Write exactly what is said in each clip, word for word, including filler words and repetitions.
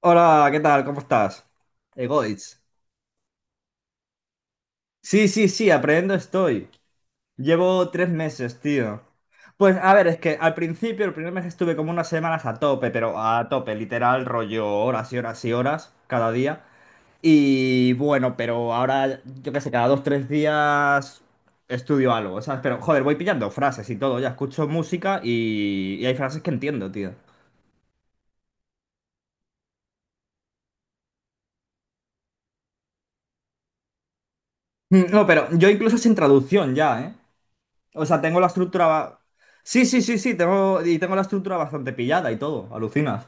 Hola, ¿qué tal? ¿Cómo estás? Egoitz. Sí, sí, sí, aprendiendo estoy. Llevo tres meses, tío. Pues a ver, es que al principio, el primer mes estuve como unas semanas a tope, pero a tope, literal, rollo horas y horas y horas cada día. Y bueno, pero ahora, yo qué sé, cada dos, tres días estudio algo, ¿sabes? Pero joder, voy pillando frases y todo, ya escucho música y, y hay frases que entiendo, tío. Mm, no, pero yo incluso sin traducción ya, ¿eh? O sea, tengo la estructura, ba- sí, sí, sí, sí, tengo, y tengo la estructura bastante pillada y todo, alucinas.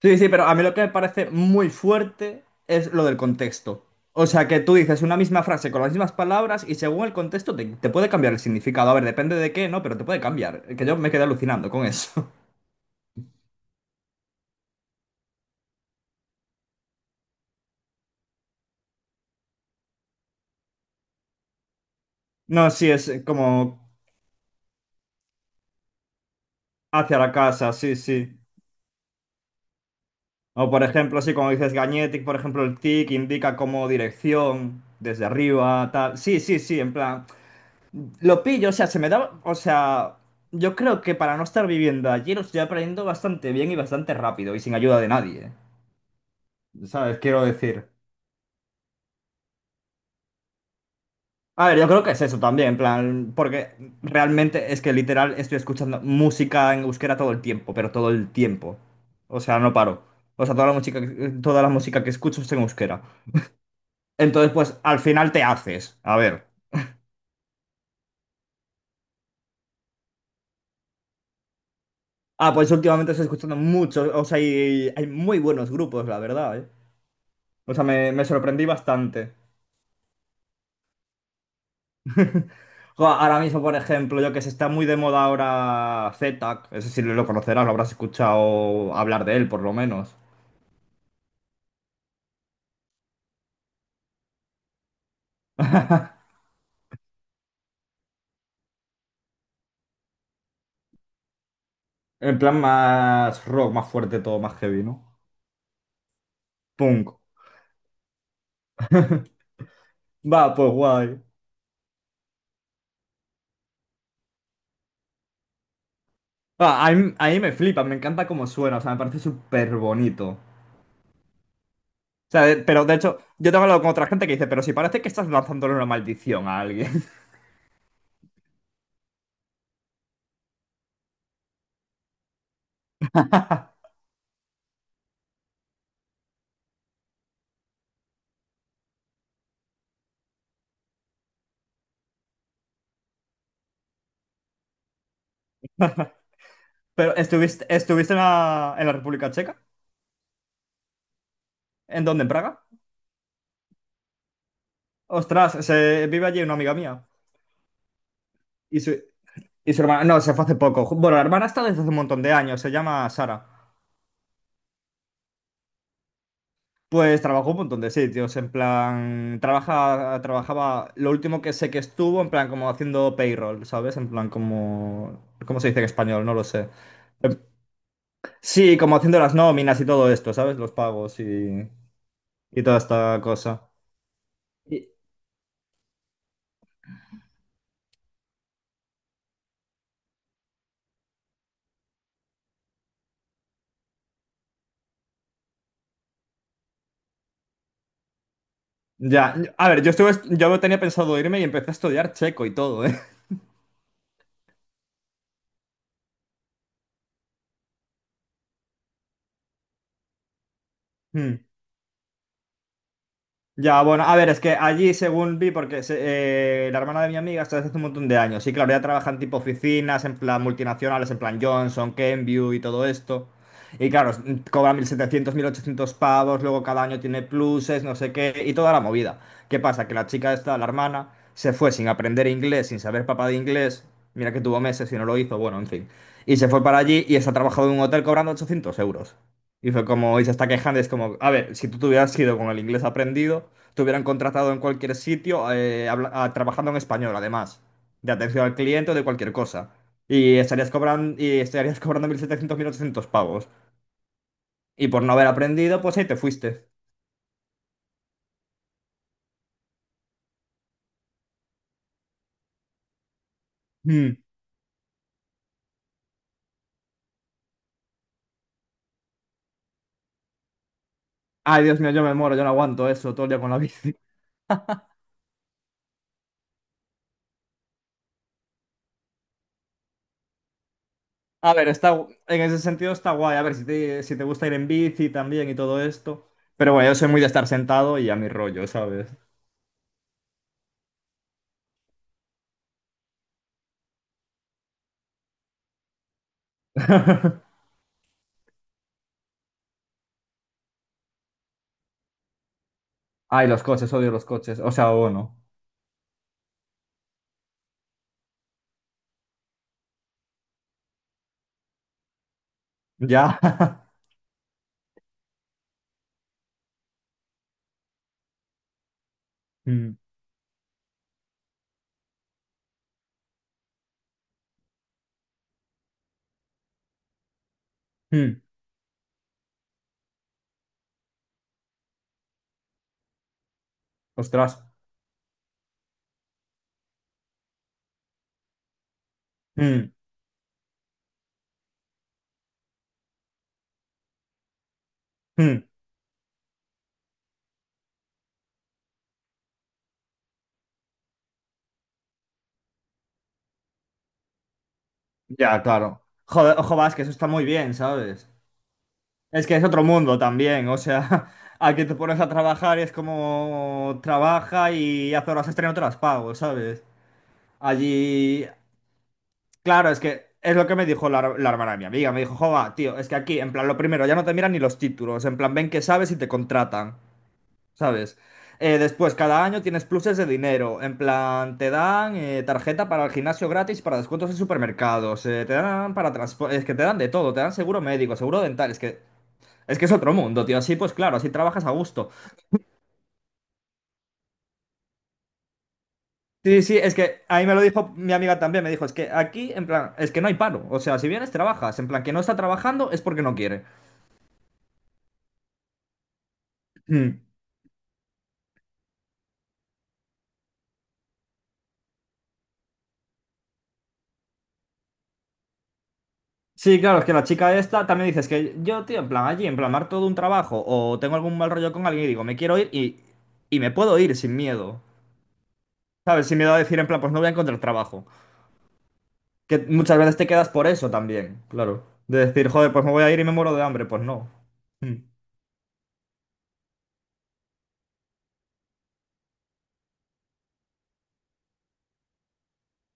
Sí, sí, pero a mí lo que me parece muy fuerte es lo del contexto. O sea, que tú dices una misma frase con las mismas palabras y según el contexto te, te puede cambiar el significado. A ver, depende de qué, ¿no? Pero te puede cambiar. Que yo me quedé alucinando con eso. No, sí, es como hacia la casa, sí, sí. O por ejemplo, sí, como dices Gañetic, por ejemplo, el tic indica como dirección desde arriba, tal. Sí, sí, sí, en plan. Lo pillo, o sea, se me da, o sea, yo creo que para no estar viviendo allí lo estoy aprendiendo bastante bien y bastante rápido y sin ayuda de nadie, ¿sabes? Quiero decir. A ver, yo creo que es eso también, en plan, porque realmente es que literal estoy escuchando música en euskera todo el tiempo, pero todo el tiempo. O sea, no paro. O sea, toda la música, que- toda la música que escucho es en euskera. Entonces, pues al final te haces. A ver. Ah, pues últimamente estoy escuchando mucho, o sea, hay, hay muy buenos grupos, la verdad, ¿eh? O sea, me, me sorprendí bastante. Jo, ahora mismo, por ejemplo, yo que sé, está muy de moda ahora Z T A C, ese sí lo conocerás, lo habrás escuchado hablar de él, por lo menos. En plan más rock, más fuerte todo, más heavy, ¿no? Punk. Va, pues guay. Va, a mí, a mí me flipa, me encanta cómo suena, o sea, me parece súper bonito. O sea, de- pero de hecho, yo tengo hablado con otra gente que dice, pero si parece que estás lanzándole una maldición a alguien. Pero, ¿estuviste, estuviste en la, en la República Checa? ¿En dónde? ¿En Praga? Ostras, se vive allí una amiga mía. Y su, Y su hermana, no, se fue hace poco. Bueno, la hermana está desde hace un montón de años, se llama Sara. Pues trabajó un montón de sitios, en plan, trabaja, trabajaba, lo último que sé que estuvo, en plan, como haciendo payroll, ¿sabes? En plan, como, ¿cómo se dice en español? No lo sé. Em, Sí, como haciendo las nóminas y todo esto, ¿sabes? Los pagos y, y toda esta cosa. Y- Ya, a ver, yo estuve, yo tenía pensado irme y empecé a estudiar checo y todo, ¿eh? Ya, bueno, a ver, es que allí, según vi, porque se- eh, la hermana de mi amiga está desde hace un montón de años. Y claro, ya trabajan tipo oficinas, en plan multinacionales, en plan Johnson, Kenview y todo esto. Y claro, s- cobra mil setecientos, mil ochocientos pavos, luego cada año tiene pluses, no sé qué, y toda la movida. ¿Qué pasa? Que la chica esta, la hermana, se fue sin aprender inglés, sin saber papá de inglés. Mira que tuvo meses y no lo hizo, bueno, en fin. Y se fue para allí y está trabajando en un hotel cobrando ochocientos euros. Y fue como, y se está quejando, y es como, a ver, si tú te hubieras ido con el inglés aprendido, te hubieran contratado en cualquier sitio, eh, habla- ah, trabajando en español, además, de atención al cliente o de cualquier cosa. Y estarías cobrando, y estarías cobrando mil setecientos mil ochocientos pavos. Y por no haber aprendido, pues ahí te fuiste. Mm. Ay, Dios mío, yo me muero, yo no aguanto eso todo el día con la bici. A ver, está, gu- en ese sentido está guay. A ver, si te, si te gusta ir en bici también y todo esto. Pero bueno, yo soy muy de estar sentado y a mi rollo, ¿sabes? Ay, los coches, odio los coches. O sea, bueno, ya. Mm, mm. Ostras. Mm. Hmm. Ya, claro. Joder, ojo, vas, que eso está muy bien, ¿sabes? Es que es otro mundo también, o sea, aquí te pones a trabajar y es como trabaja y hace horas extra y no te las pago, ¿sabes? Allí, claro, es que es lo que me dijo la, la hermana de mi amiga, me dijo, joder, tío, es que aquí, en plan, lo primero, ya no te miran ni los títulos, en plan, ven que sabes y te contratan. ¿Sabes? Eh, después, cada año tienes pluses de dinero. En plan, te dan eh, tarjeta para el gimnasio gratis, para descuentos en supermercados, eh, te dan para transporte, es que te dan de todo, te dan seguro médico, seguro dental, es que es que es otro mundo, tío. Así pues, claro, así trabajas a gusto. Sí, sí, es que ahí me lo dijo mi amiga también, me dijo, es que aquí, en plan, es que no hay paro. O sea, si vienes, trabajas. En plan, que no está trabajando es porque no quiere. Mm. Sí, claro, es que la chica esta también dices que yo, tío, en plan allí, en plan mar todo un trabajo o tengo algún mal rollo con alguien y digo, me quiero ir y, y me puedo ir sin miedo, ¿sabes? Sin miedo a decir en plan, pues no voy a encontrar trabajo. Que muchas veces te quedas por eso también, claro. De decir, joder, pues me voy a ir y me muero de hambre, pues no. Mm.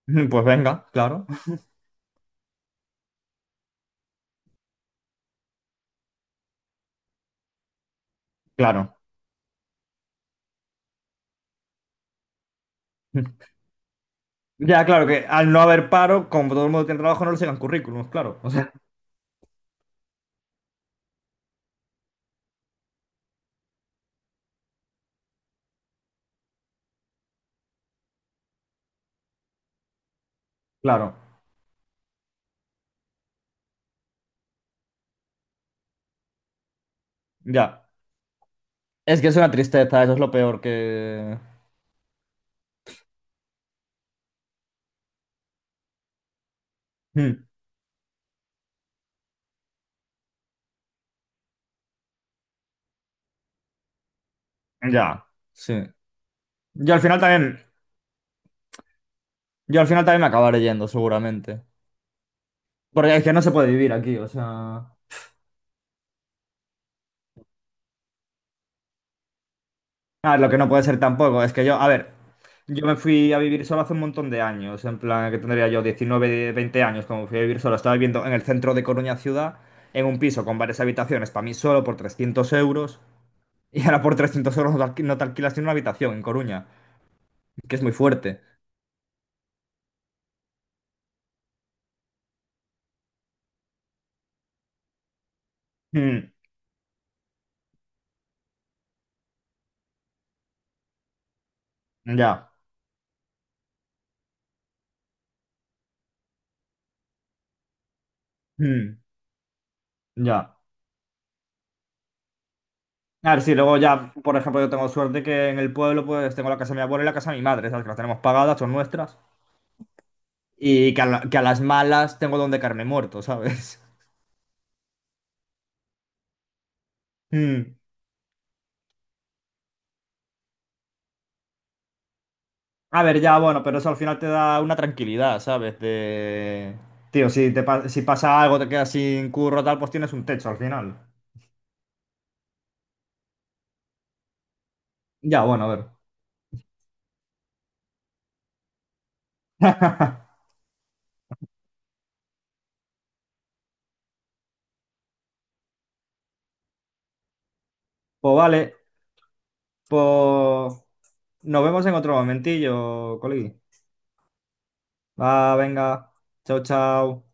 Pues venga, claro, claro. Ya, claro, que al no haber paro, como todo el mundo tiene trabajo, no le sigan currículums, claro. O sea, claro, ya. Es que es una tristeza, eso es lo peor que... Mm. Ya, sí. Yo al final también, yo al final también me acabaré yendo, seguramente. Porque es que no se puede vivir aquí, o sea. Ah, lo que no puede ser tampoco, es que yo, a ver, yo me fui a vivir solo hace un montón de años, en plan que tendría yo diecinueve veinte años, como fui a vivir solo, estaba viviendo en el centro de Coruña ciudad, en un piso con varias habitaciones, para mí solo por trescientos euros, y ahora por trescientos euros no te alqui- no te alquilas ni una habitación en Coruña, que es muy fuerte. Mm, ya, mm, ya. A ver, sí, luego ya, por ejemplo, yo tengo suerte que en el pueblo pues tengo la casa de mi abuela y la casa de mi madre, ¿sabes? Que las tenemos pagadas, son nuestras. Y que a, la- que a las malas tengo donde caerme muerto, ¿sabes? Mm. A ver, ya, bueno, pero eso al final te da una tranquilidad, ¿sabes? De... Tío, si, te pa- si pasa algo, te quedas sin curro, tal, pues tienes un techo al final. Ya, bueno, a ver. Pues vale, pues nos vemos en otro momentillo, colegui. Va, venga. Chao, chao.